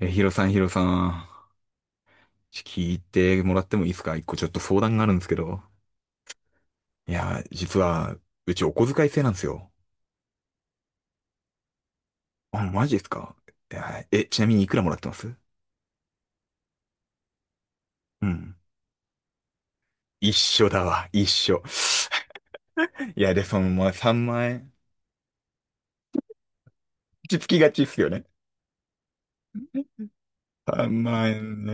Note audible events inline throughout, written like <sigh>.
ヒロさん、ヒロさん、聞いてもらってもいいですか？一個ちょっと相談があるんですけど。いや、実は、うちお小遣い制なんですよ。あ、マジですか？いや、え、ちなみにいくらもらってます？うん。一緒だわ、一緒。<laughs> いや、で、その、まあ、3万円。落ち着きがちっすよね。3万円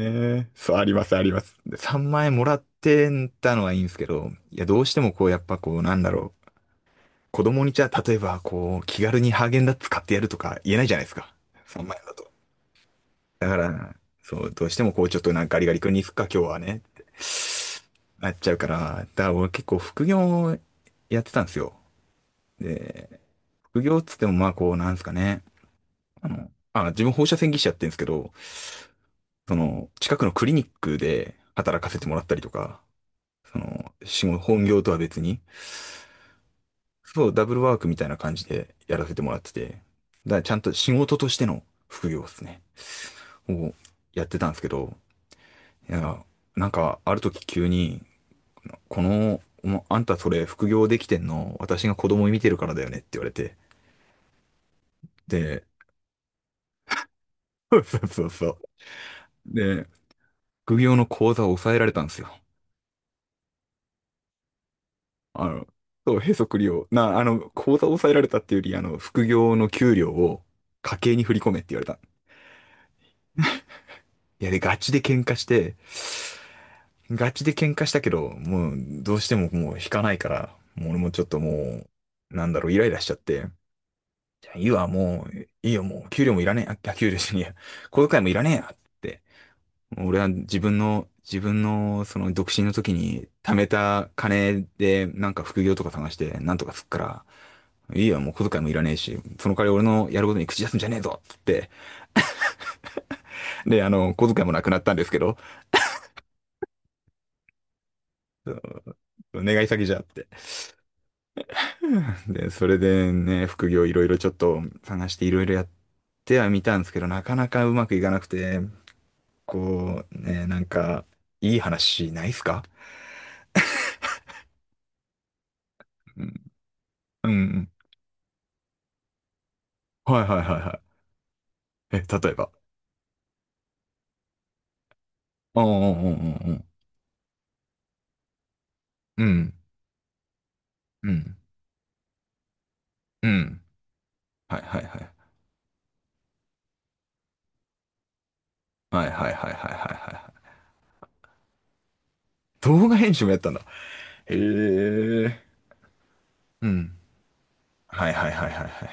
ね。そう、あります、あります。で、3万円もらってたのはいいんですけど、いや、どうしてもこう、やっぱこう、なんだろう。子供にじゃあ、例えば、こう、気軽にハーゲンダッツ買ってやるとか言えないじゃないですか。3万円だと。だから、そう、どうしてもこう、ちょっとなんかガリガリ君に行くか、今日はね、ってなっちゃうから、だから俺結構副業やってたんですよ。で、副業っつってもまあこう、なんですかね。あの、自分放射線技師やってるんですけど、その、近くのクリニックで働かせてもらったりとか、その、仕事、本業とは別に、そう、ダブルワークみたいな感じでやらせてもらってて、だからちゃんと仕事としての副業ですね、をやってたんですけど、いや、なんかある時急に、この、お、あんたそれ副業できてんの、私が子供見てるからだよねって言われて、で、そうそうそうそう。で、副業の口座を抑えられたんですよ。あの、そう、へそくりを、あの、口座を抑えられたっていうより、あの、副業の給料を家計に振り込めって言われた。いや、で、ガチで喧嘩して、ガチで喧嘩したけど、もうどうしてももう引かないから、もう俺もちょっとなんだろう、イライラしちゃって、じゃあいいわ、もう、いいよ、もう、給料もいらねえ、あ、給料しねえや、小遣いもいらねえや、って。もう俺は自分の、その、独身の時に貯めた金で、なんか副業とか探して、なんとかすっから、いいよ、もう小遣いもいらねえし、その代わり俺のやることに口出すんじゃねえぞ、つって。で、あの、小遣いもなくなったんですけど、願い詐欺じゃって。<laughs> で、それでね、副業いろいろちょっと探していろいろやってはみたんですけど、なかなかうまくいかなくて、こう、ね、なんか、いい話ないっすか？うん、うん、うん。はいはいはいはい。え、例えば。うんうんうんうんうん。うん、うん、はいはいはいはいはいはいはいはいはいはい。動画編集もやったんだ。へえ。うん。はいはいはいはいはいはい。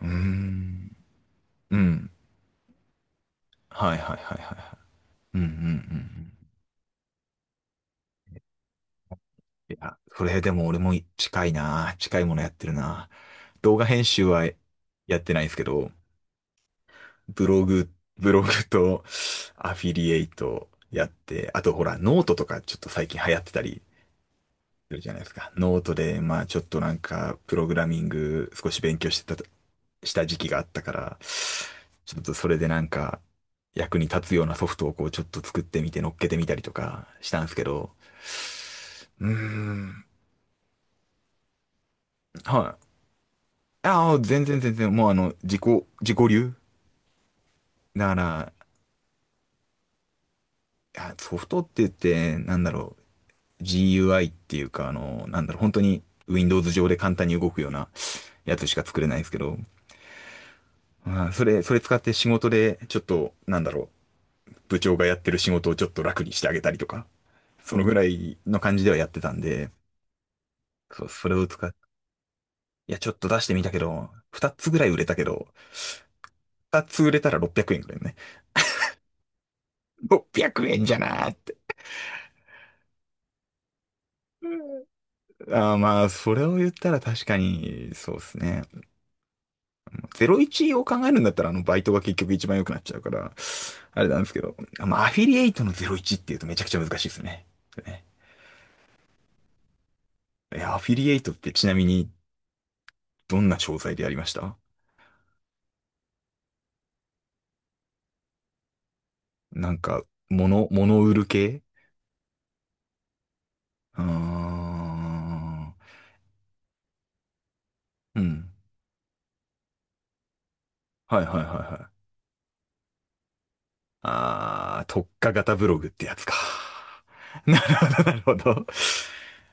うーん。うん。はいはいはいはいはい。うんうんうんうん。いや、それでも俺も近いな。近いものやってるな。動画編集はやってないんですけど、ブログ、ブログとアフィリエイトやって、あとほら、ノートとかちょっと最近流行ってたりするじゃないですか。ノートで、まあちょっとなんか、プログラミング少し勉強してた、した時期があったから、ちょっとそれでなんか、役に立つようなソフトをこうちょっと作ってみて乗っけてみたりとかしたんですけど、うーん、はい。ああ、全然全然、もうあの、自己流だから、いやソフトって言って、なんだろう、GUI っていうか、あの、なんだろう、本当に Windows 上で簡単に動くようなやつしか作れないんですけど、まあ、それ使って仕事で、ちょっと、なんだろう、部長がやってる仕事をちょっと楽にしてあげたりとか、そのぐらいの感じではやってたんで、そう、それを使っ、いや、ちょっと出してみたけど、2つぐらい売れたけど、2つ売れたら600円ぐらいね。600円じゃなーって。あー、まあ、それを言ったら確かに、そうですね。01を考えるんだったら、あの、バイトが結局一番良くなっちゃうから、あれなんですけど、あ、まあ、アフィリエイトの01っていうとめちゃくちゃ難しいですね。ね、いや、アフィリエイトってちなみに、どんな商材でやりました？なんか、物売る系？うーん、うん。はいはいはいはい。あー、特化型ブログってやつか。<laughs> なるほど、なるほど。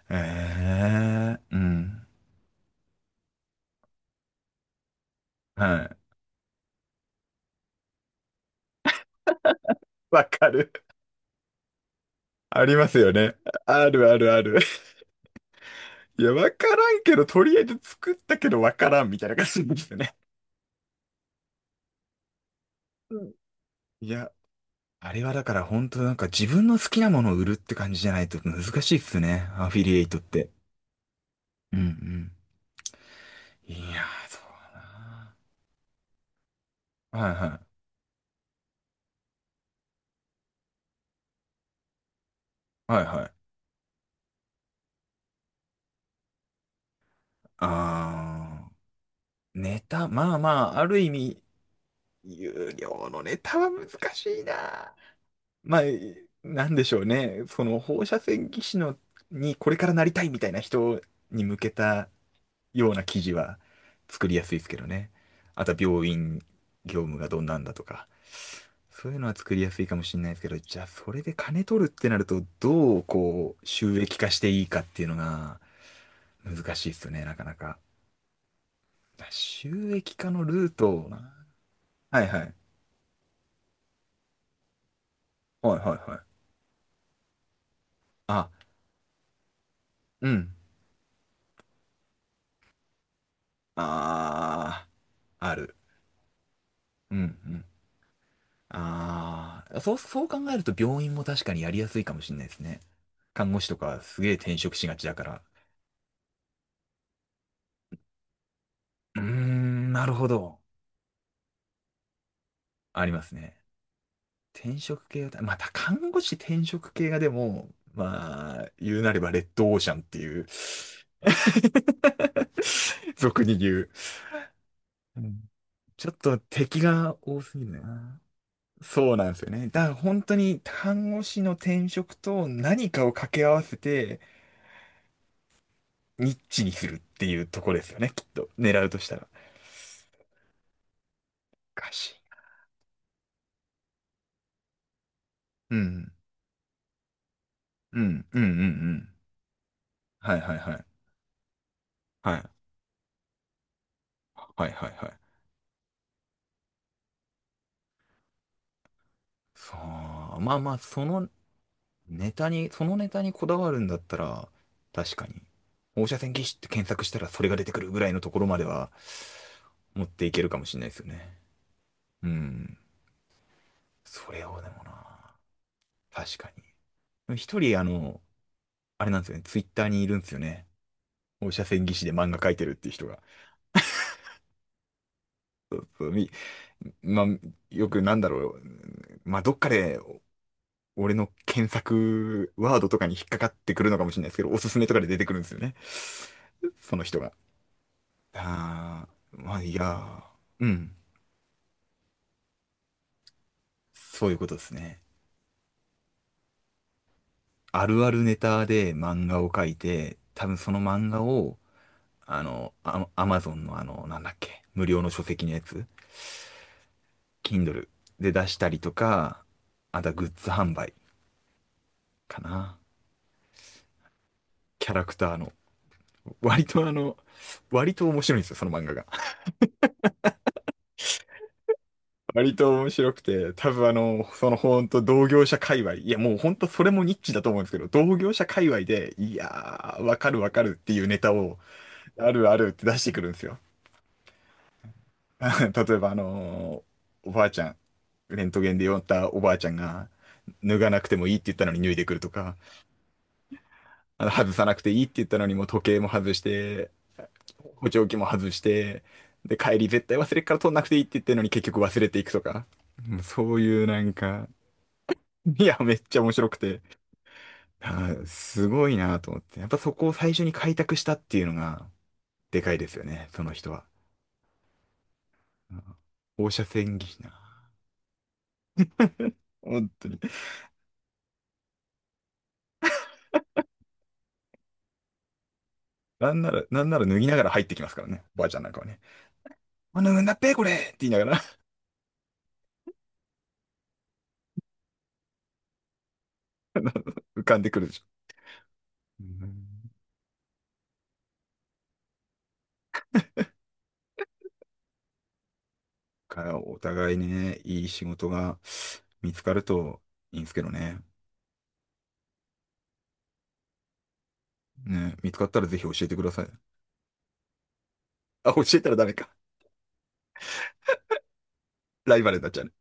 えー、うん。はい。わかる。ありますよね。あるあるある。いや、わからんけど、とりあえず作ったけどわからんみたいな感じですよね。うん。いや、あれはだから本当なんか自分の好きなものを売るって感じじゃないと難しいっすね。アフィリエイトって。うんうん。いやー、そうだな。はいはい。はいはい。あー、ネタ、まあまあ、ある意味、有料のネタは難しいな。まあ、なんでしょうね。その放射線技師のにこれからなりたいみたいな人に向けたような記事は作りやすいですけどね。あとは病院業務がどんなんだとか。そういうのは作りやすいかもしれないですけど、じゃあそれで金取るってなると、どうこう収益化していいかっていうのが難しいですよね、なかなか。収益化のルートをな。はいはい。はいはいはい。あ、うん。あー、ある。うん。ああ、そう、そう考えると病院も確かにやりやすいかもしれないですね。看護師とかすげえ転職しがちだから。うーん、なるほど。ありますね。転職系は、また看護師転職系がでも、まあ、言うなればレッドオーシャンっていう。 <laughs> 俗に言う。うん。ちょっと敵が多すぎるな。そうなんですよね。だから本当に看護師の転職と何かを掛け合わせて、ニッチにするっていうとこですよね、きっと。狙うとしたら。おかしい。うん。うん。うん。うん。うん。はいはいはい。はい。はいはいはい。そう。まあまあ、そのネタにこだわるんだったら、確かに。放射線技師って検索したらそれが出てくるぐらいのところまでは、持っていけるかもしれないですよね。うん。それをでもな、確かに。一人、あの、あれなんですよね。ツイッターにいるんですよね。放射線技師で漫画描いてるっていう人が。そうそうみまあ、よくなんだろう。まあ、どっかで、俺の検索ワードとかに引っかかってくるのかもしれないですけど、おすすめとかで出てくるんですよね。その人が。ああ、まあ、いやー、うん。そういうことですね。あるあるネタで漫画を描いて、多分その漫画を、あの、アマゾンのあの、なんだっけ、無料の書籍のやつ、Kindle で出したりとか、あとはグッズ販売かな。キャラクターの割とあの、割と面白いんですよ、その漫画が。<laughs> 割と面白くて、多分あの、そのほんと同業者界隈、いやもうほんとそれもニッチだと思うんですけど、同業者界隈で、いやー、わかるわかるっていうネタを、あるあるって出してくるんですよ。<laughs> 例えばあのー、おばあちゃん、レントゲンで呼んだおばあちゃんが、脱がなくてもいいって言ったのに脱いでくるとか、あの、外さなくていいって言ったのにもう時計も外して、補聴器も外して、で、帰り絶対忘れっから取んなくていいって言ってるのに結局忘れていくとか。うん、そういうなんか、いや、めっちゃ面白くて、あーすごいなと思って。やっぱそこを最初に開拓したっていうのが、でかいですよね、その人は。うん。放射線技師な。本当に。なんなら、なんなら脱ぎながら入ってきますからね、おばあちゃんなんかはね。あ、脱ぐんだっぺ、これって言いながら。 <laughs> 浮かんでくるでしょ。うん。から、お互いにね、いい仕事が見つかるといいんですけどね。ね、見つかったらぜひ教えてください。あ、教えたらダメか。ライバルになっちゃうね。